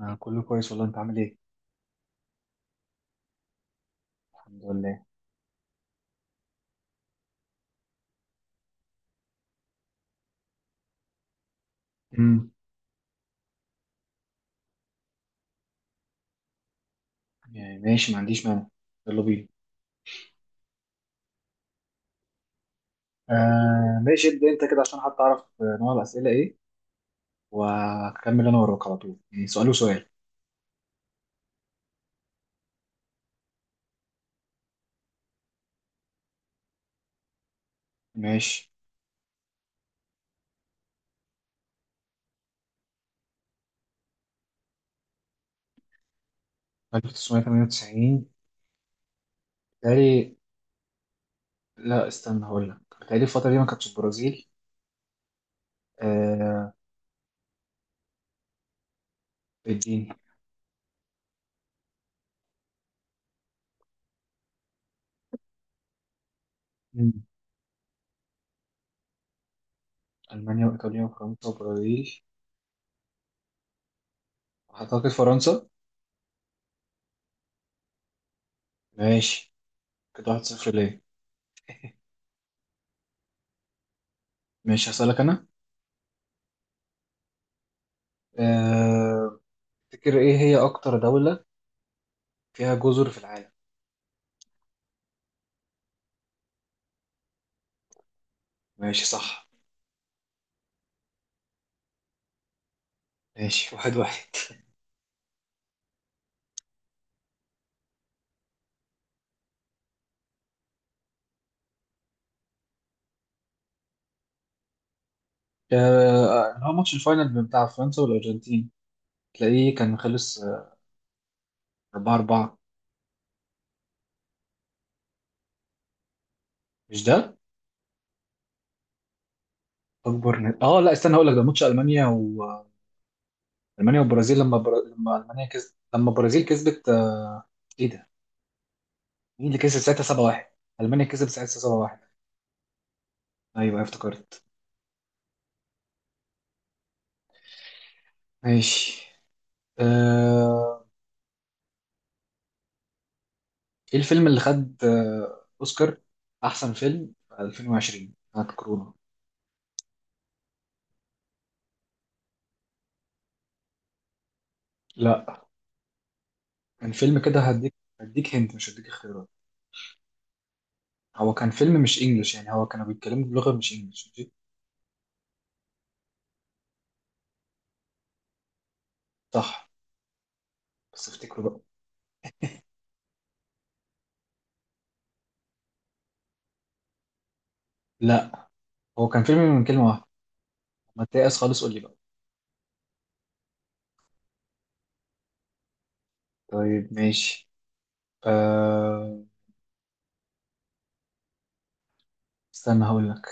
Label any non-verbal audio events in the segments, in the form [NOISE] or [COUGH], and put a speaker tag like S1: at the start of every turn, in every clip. S1: أنا كله كويس والله أنت عامل إيه؟ الحمد لله. امم. يعني ماشي، ما عنديش مانع. يلا بينا. آه، ماشي، ابدأ أنت كده عشان حتى أعرف نوع الأسئلة إيه، وهكمل أنا وراك على طول، يعني سؤال وسؤال. ماشي. 1998. بالتالي، لا، استنى هقول لك، بالتالي الفترة دي ما كانتش البرازيل. آه. اديني. مم. ألمانيا وإيطاليا وفرنسا وبرازيل، أعتقد فرنسا. ماشي، كده 1-0 ليه. ماشي، هسألك أنا. آه، تفتكر إيه هي أكتر دولة فيها جزر في العالم؟ ماشي، صح. ماشي، 1-1. [LAUGHS] اللي هو ماتش الفاينل بتاع فرنسا والأرجنتين، تلاقيه كان خلص 4-4. مش ده؟ اه، لا، استنى هقول لك، ده ماتش ألمانيا وألمانيا والبرازيل، لما لما ألمانيا كسبت، لما البرازيل كسبت ايه ده؟ مين اللي كسب ساعتها 7-1؟ ألمانيا كسبت ساعتها 7-1. ايوه، أيوة، افتكرت. ماشي. آه، ايه الفيلم اللي خد أوسكار أحسن فيلم في 2020 بتاعت كورونا؟ لا. كان فيلم كده هديك. هديك هنت، مش هديك اختيارات. هو كان فيلم مش انجلش، يعني هو كانوا بيتكلموا بلغة مش انجلش، ماشي. صح. بس افتكره بقى. لا. هو كان فيلم من كلمة واحدة. ما تيأس خالص، قول لي بقى. طيب، ماشي. أه... استنى هقول لك.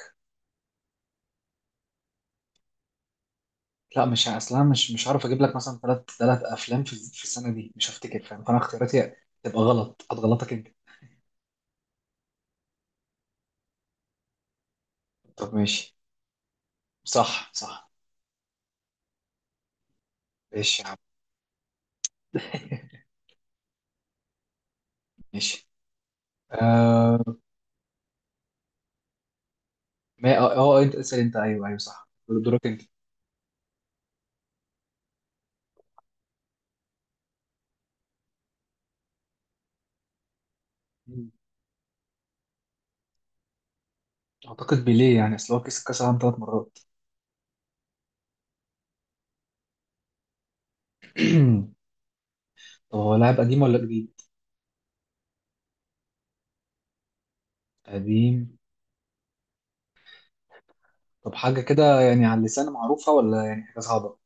S1: لا، مش ه- اصلا مش عارف اجيب لك مثلا ثلاث افلام في السنة دي، مش هفتكر، فاهم؟ فانا اختياراتي تبقى غلط، هتغلطك انت. طب، ماشي. صح، صح. ماشي يا عم. [LAUGHS] ماشي. أه... ما انت اسأل انت، ايوه، ايوه، صح دورك. انت اعتقد بيليه، يعني اصل هو كسب كاس العالم 3 مرات. [CLEARS THROAT] طب هو لاعب قديم ولا جديد؟ قديم. طب حاجه كده يعني على اللسان معروفه، ولا يعني حاجه صعبه؟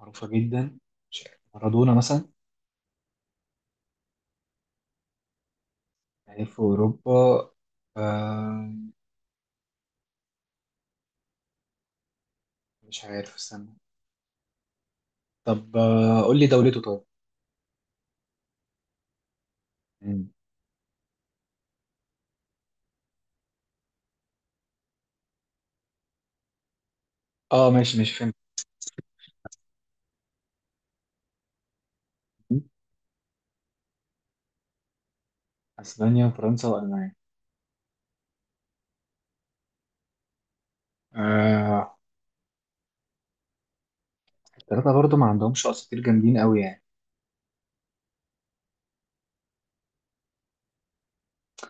S1: معروفه جدا. مش عارف، مارادونا مثلا؟ لعيب في اوروبا. آه. مش عارف، استنى. طب، قول لي دولته طيب. مم. اه، ماشي ماشي، فهمت. اسبانيا وفرنسا والمانيا. آه. الثلاثه برضو ما عندهمش اساطير جامدين قوي يعني.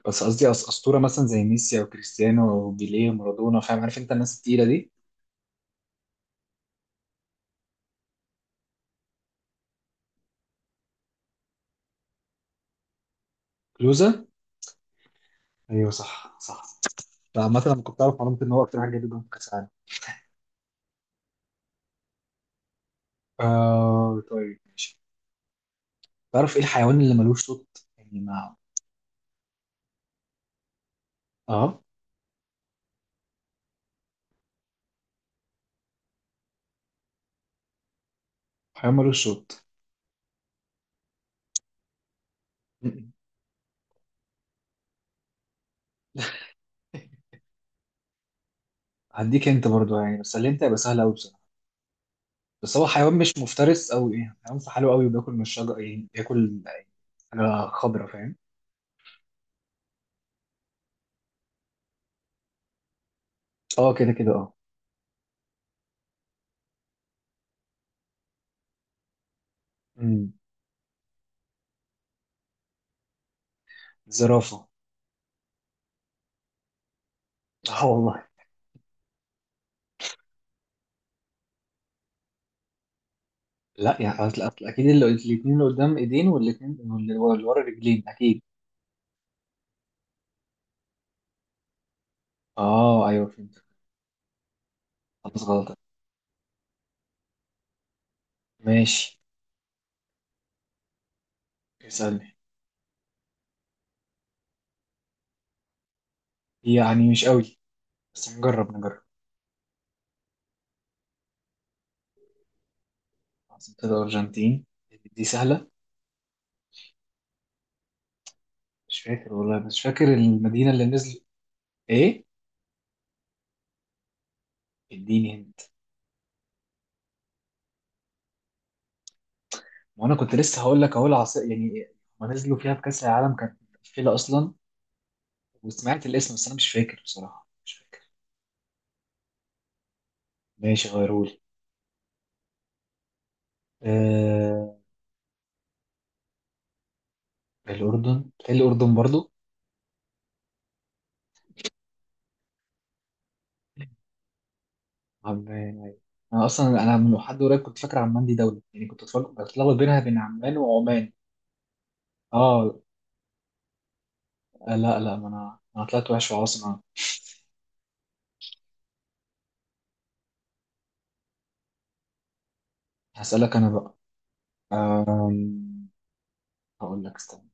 S1: بس قصدي اسطوره مثلا، زي ميسي او كريستيانو او بيليه ومارادونا، فاهم؟ عارف انت الناس التقيله دي. كلوزا. ايوه، صح، صح. فعامة انا كنت اعرف معلومة ان هو اكتر حاجة جامدة جدا في كاس العالم. آه طيب. تعرف ايه الحيوان اللي ملوش صوت؟ يعني ما... اه. حيوان ملوش صوت. م-م. هديك انت برضو يعني، بس اللي انت هيبقى سهل قوي بصراحة. بس هو حيوان مش مفترس او ايه، حيوان في حاله قوي وبياكل من الشجر، يعني بياكل حاجة خضرا فاهم؟ اه، كده كده، اه. امم زرافة. اه والله. لا، يعني أصل اكيد اللي الاثنين اللي قدام ايدين والاثنين اللي ورا رجلين اكيد. اه، ايوه، فهمت. خلاص غلط. ماشي. اسألني. يعني مش قوي، بس نجرب نجرب. عاصمة الأرجنتين دي سهلة. مش فاكر والله، مش فاكر المدينة اللي نزل. إيه؟ اديني هنت. وأنا كنت لسه هقول لك أهو العاصمة يعني. هما نزلوا فيها في كأس العالم كانت مقفلة أصلا. وسمعت الاسم، بس أنا مش فاكر بصراحة، مش فاكر. ماشي، غيرولي. آه... الأردن، بتهيألي الأردن برضو. عمان، أيوة. أنا أصلا من حد قريب كنت فاكر عمان دي دولة، يعني كنت بتلخبط بينها بين عمان وعمان. اه. لا، لا، ما انا طلعت وحش خلاص انا. هسألك انا بقى. أم، هقول لك استنى.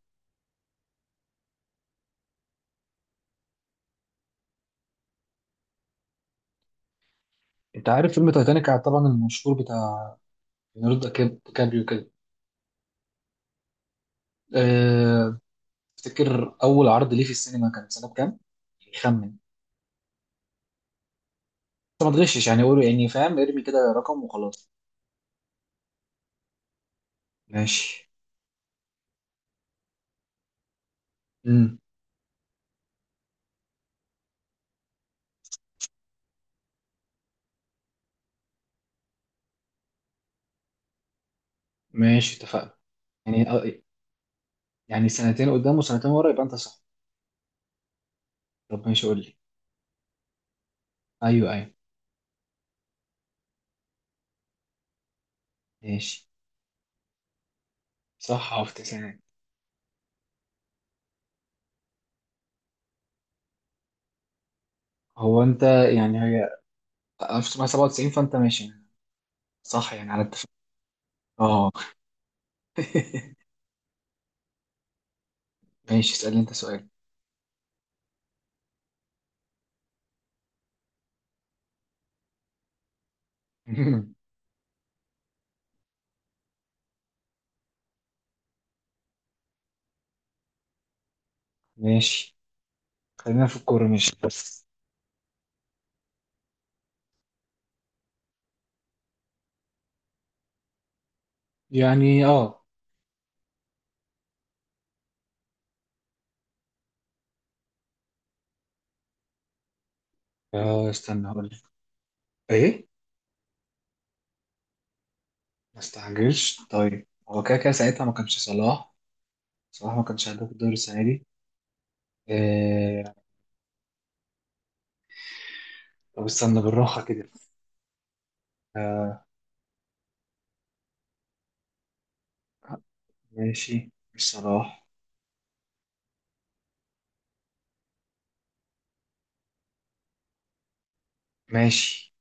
S1: انت عارف فيلم تايتانيك طبعا المشهور بتاع ليوناردو ديكابريو كده. أه... تفتكر اول عرض ليه في السينما كان سنة كام؟ خمن انت. ما تغشش يعني، قول يعني، فاهم؟ ارمي كده رقم وخلاص. ماشي. امم. ماشي، اتفقنا. يعني يعني سنتين قدام وسنتين ورا يبقى انت صح. طب ماشي، قول لي. ايوه، ايوه. ماشي. صح، في تسعين. هو انت يعني هي 1997، فانت ماشي. صح، يعني على اتفاق. اه. [LAUGHS] ماشي، اسألني انت سؤال. [LAUGHS] ماشي. خلينا في الكورة ماشي بس. يعني اه. استنى هقول لك. ايه؟ ما استعجلش طيب، هو كده كده ساعتها ما كانش صلاح. صلاح ما كانش هداف الدوري السنة دي. آه... طب استنى بالراحة كده. آه... ماشي، مش صلاح. ماشي.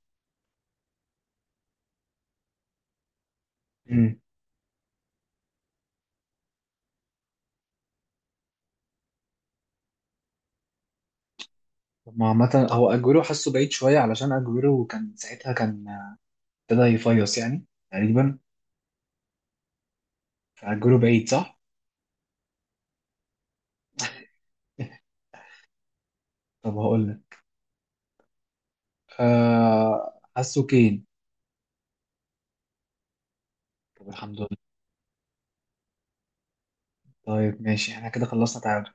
S1: مم. طب ما عامة، هو أجويرو حاسه بعيد شوية علشان أجويرو كان ساعتها كان، ابتدى يفيص يعني، تقريبا. فأجويرو بعيد صح؟ [LAUGHS] طب هقول لك، آه حاسه كين. طب الحمد لله. طيب ماشي، احنا كده خلصنا تعادل.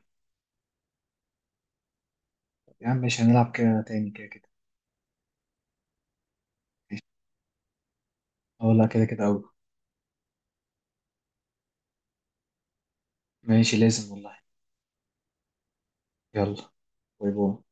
S1: طب يا عم ماشي، هنلعب كده تاني كده كده. ماشي، اه، لا كده كده أوي. ماشي، لازم والله. يلا. باي باي.